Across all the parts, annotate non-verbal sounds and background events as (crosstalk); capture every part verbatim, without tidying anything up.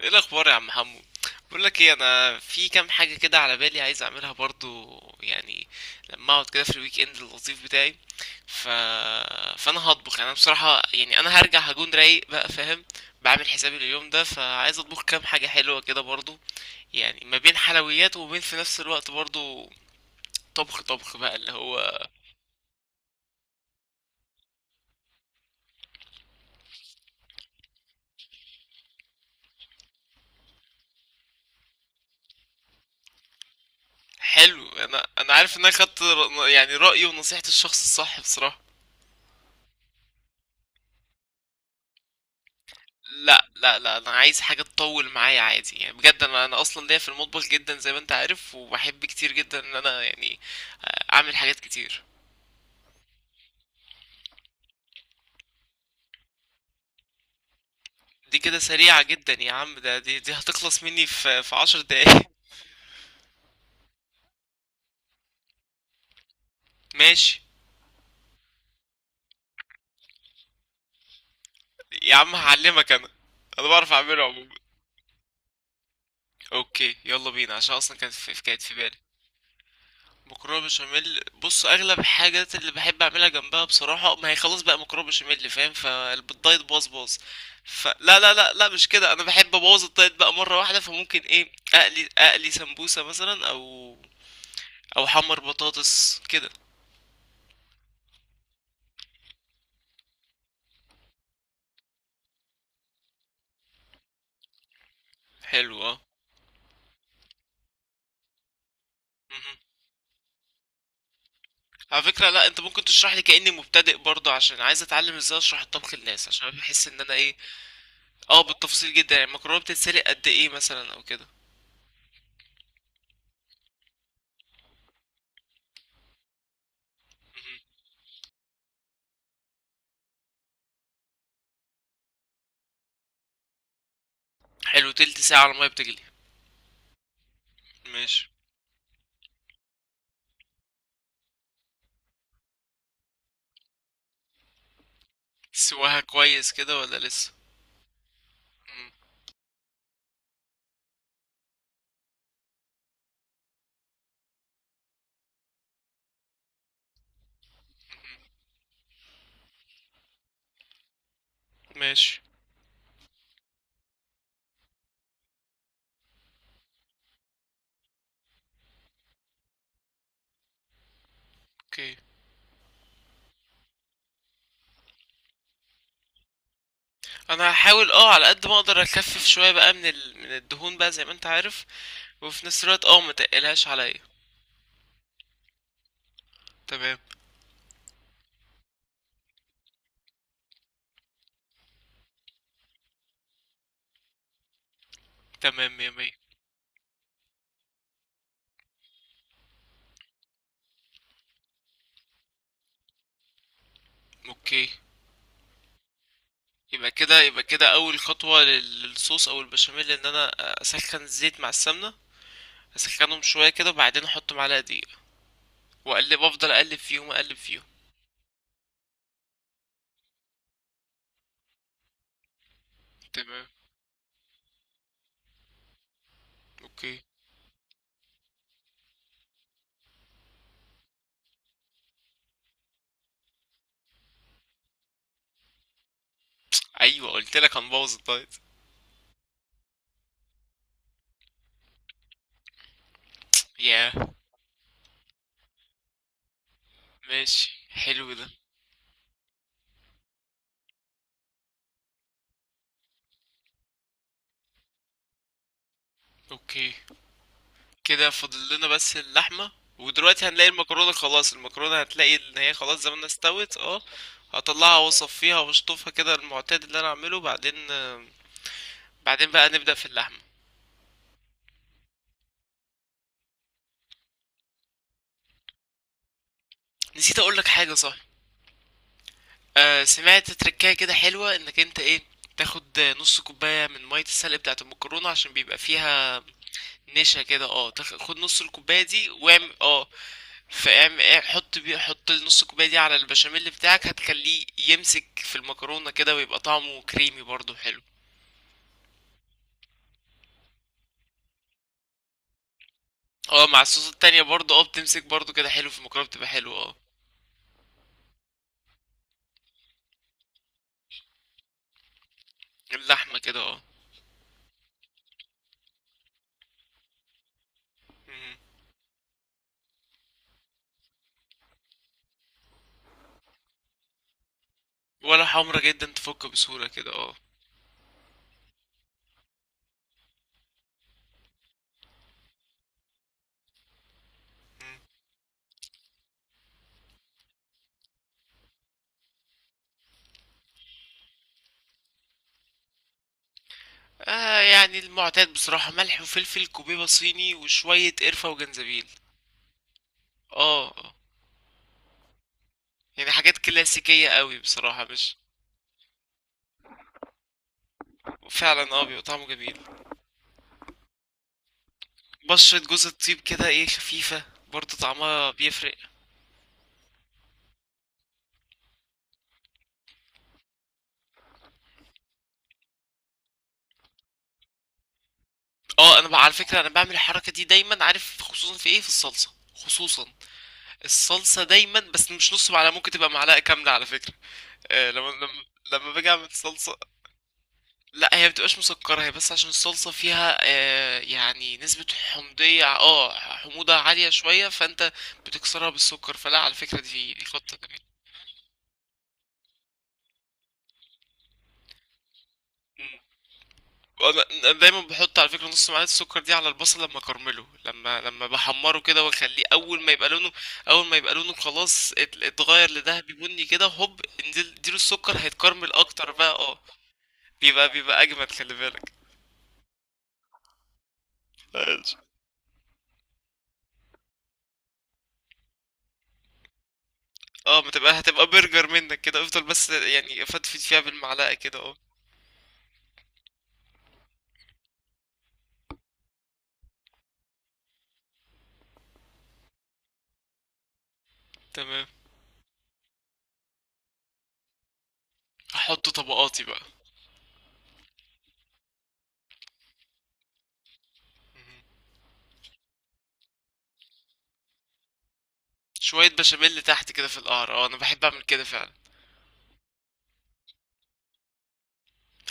ايه الاخبار يا عم حمو؟ بقول لك ايه، انا في كام حاجه كده على بالي عايز اعملها برضو يعني. لما اقعد كده في الويك اند اللطيف بتاعي ف... فانا هطبخ. يعني انا بصراحه يعني انا هرجع هكون رايق بقى، فاهم؟ بعمل حسابي لليوم ده، فعايز اطبخ كام حاجه حلوه كده برضو، يعني ما بين حلويات وما بين في نفس الوقت برضو طبخ طبخ بقى اللي هو. حلو، انا انا عارف ان انا خدت ر- يعني رايي ونصيحه الشخص الصح بصراحه. لا لا لا انا عايز حاجه تطول معايا عادي يعني، بجد انا انا اصلا ليا في المطبخ جدا زي ما انت عارف، وبحب كتير جدا ان انا يعني آه، اعمل حاجات كتير. دي كده سريعه جدا يا عم، ده دي دي هتخلص مني في في عشر دقايق. (laughs) ماشي. يا عم هعلمك انا، انا بعرف اعمله عموما. اوكي يلا بينا، عشان اصلا كانت في كانت في بالي مكرونه بشاميل. بص اغلب الحاجات اللي بحب اعملها جنبها بصراحه، ما هي خلاص بقى مكرونه بشاميل، فاهم؟ فالدايت باظ باظ. فلا لا لا لا مش كده، انا بحب ابوظ الدايت بقى مره واحده، فممكن ايه، اقلي اقلي سمبوسه مثلا، او او احمر بطاطس كده. حلو اه. مهم. على فكره لا، انت ممكن تشرح لي كاني مبتدئ برضه، عشان عايز اتعلم ازاي اشرح الطبخ للناس، عشان بحس ان انا ايه. اه بالتفصيل جدا، يعني المكرونه بتتسلق قد ايه مثلا او كده؟ مهم. حلو، تلت ساعه على الميه بتجلي. ماشي. سواها كويس كده ولا لسه؟ مم. ماشي. اوكي. انا هحاول اه على قد ما اقدر اخفف شويه بقى من ال... من الدهون بقى زي ما انت عارف، وفي نفس الوقت اه ما تقلهاش عليا. تمام. تمام يا مية. اوكي. يبقى كده، يبقى كده اول خطوه لل- للصوص او البشاميل، ان انا اسخن الزيت مع السمنه، اسخنهم شويه كده، وبعدين احط معلقه دقيق واقلب، افضل اقلب فيهم اقلب فيهم تمام. اوكي. ايوه قلت لك هنبوظ الدايت. ياه. ماشي، حلو ده. اوكي. كده فاضل لنا بس اللحمة، ودلوقتي هنلاقي المكرونة خلاص، المكرونة هتلاقي ان هي خلاص زمانها استوت اه. هطلعها واصفيها واشطفها كده المعتاد اللي انا اعمله، بعدين آه، بعدين بقى نبدأ في اللحمة. نسيت اقولك حاجة، صح، آه، سمعت تركاية كده حلوة، انك انت ايه، تاخد نص كوباية من مية السلق بتاعة المكرونة، عشان بيبقى فيها نشا كده اه، تخ- خد نص الكوبايه دي واعمل اه، فاعمل اع- حط بيه، حط نص الكوبايه دي على البشاميل بتاعك، هتخليه يمسك في المكرونه كده ويبقى طعمه كريمي برضه حلو. اه مع الصوص التانية برضه اه بتمسك برضه كده حلو، في المكرونه بتبقى حلوه اه. اللحمه كده اه. مم. ولا حمرا جدا، تفك بسهوله كده اه. مم. آه يعني المعتاد بصراحة، ملح وفلفل، كوبيبة صيني، وشوية قرفة وجنزبيل. اه آه. يعني حاجات كلاسيكية قوي بصراحة، مش. فعلا اه، بيبقى طعمه جميل. بشرة جوز الطيب كده ايه خفيفة، برضه طعمها بيفرق. اه انا بقى على فكرة انا بعمل الحركة دي دايما، عارف، خصوصا في ايه، في الصلصة خصوصا. الصلصة دايما، بس مش نص معلقة، ممكن تبقى معلقة كاملة على فكرة. آه لما لما لما باجي اعمل صلصة. لا هي بتبقاش مسكرة، هي بس عشان الصلصة فيها آه يعني نسبة حمضية اه حموضة عالية شوية، فانت بتكسرها بالسكر. فلا، على فكرة دي دي خطة جميلة. انا أنا دايما بحط على فكره نص معلقه السكر دي على البصل لما كرمله، لما لما بحمره كده واخليه، اول ما يبقى لونه، اول ما يبقى لونه خلاص ات- اتغير لذهبي بني كده، هوب انزل اديله السكر، هيتكرمل اكتر بقى اه. بيبقى بيبقى اجمد، خلي بالك. ماشي. اه، ما تبقى هتبقى برجر منك كده، افضل بس يعني فتفت فيها بالمعلقه كده اه. تمام. هحط طبقاتي بقى. مهم. شويه بشاميل تحت كده في القعر اه، انا بحب اعمل كده فعلا.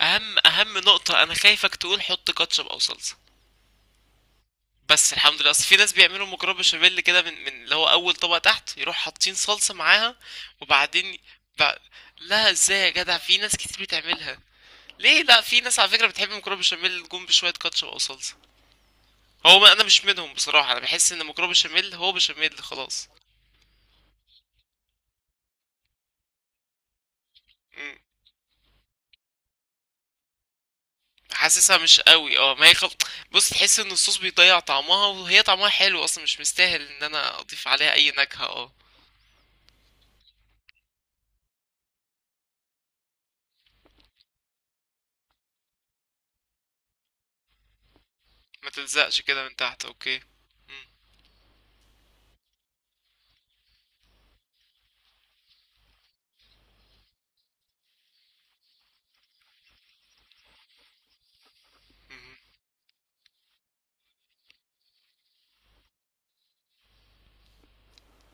اهم اهم نقطه، انا خايفك تقول حط كاتشب او صلصه. بس الحمد لله، اصل في ناس بيعملوا مكرونه بشاميل كده، من من اللي هو اول طبقه تحت يروح حاطين صلصه معاها، وبعدين ب... لا ازاي يا جدع، في ناس كتير بتعملها. ليه لا، في ناس على فكره بتحب المكرونه بشاميل جنب بشويه كاتشب او صلصه. هو ما انا مش منهم بصراحه، انا بحس ان المكرونه بشاميل هو بشاميل خلاص. مم. حاسسها مش قوي اه، ما هي خل... بص، تحس ان الصوص بيضيع طعمها، وهي طعمها حلو اصلا، مش مستاهل ان انا اضيف عليها اي نكهه اه. ما تلزقش كده من تحت، اوكي. مم. مم.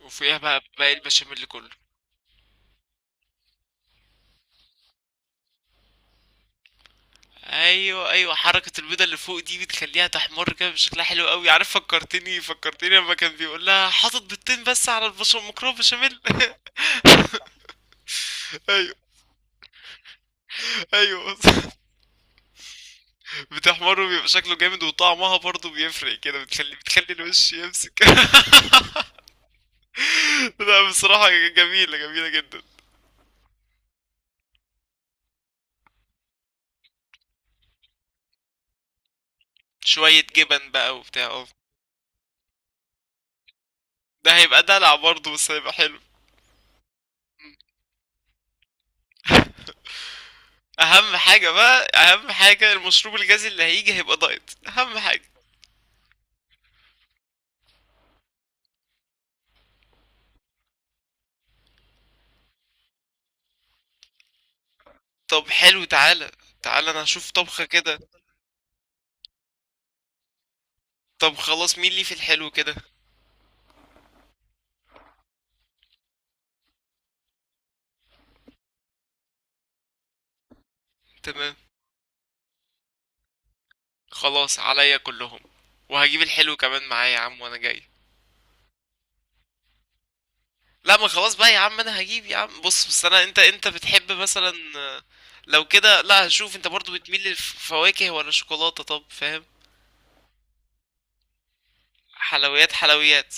وفوقيها بقى باقي البشاميل كله. ايوه ايوه، حركة البيضة اللي فوق دي بتخليها تحمر كده بشكلها حلو قوي، عارف، فكرتني فكرتني لما كان بيقول لها حاطط بيضتين بس على البشاميل مكرونة بشاميل. (laughs) ايوه ايوه. (laughs) بتحمر وبيبقى شكله جامد، وطعمها برضه بيفرق كده، بتخلي بتخلي الوش يمسك. (laughs) لا بصراحة جميلة، جميلة جدا. شوية جبن بقى وبتاع اه. ده هيبقى دلع برضه، بس هيبقى حلو. اهم حاجة بقى، اهم حاجة المشروب الغازي اللي هيجي هيبقى دايت، اهم حاجة. طب حلو، تعالى. تعالى انا هشوف طبخة كده. طب خلاص، مين لي في الحلو كده؟ تمام. خلاص عليا كلهم. وهجيب الحلو كمان معايا يا عم، وانا جاي. لا ما خلاص بقى يا عم، انا هجيب يا عم، بص بس، انا انت انت بتحب مثلا آه، لو كده لا، هشوف انت برضو بتميل للفواكه ولا شوكولاتة، طب فاهم. حلويات حلويات.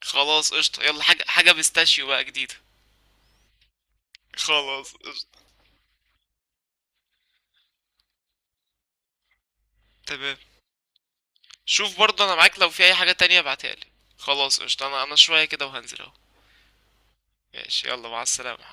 خلاص قشطة، يلا حاجة، حاجة بيستاشيو بقى جديدة. خلاص قشطة. تمام. شوف برضو انا معاك، لو في اي حاجة تانية ابعتها لي. خلاص قشطة، انا انا شوية كده وهنزل اهو. ماشي، يلا مع السلامة.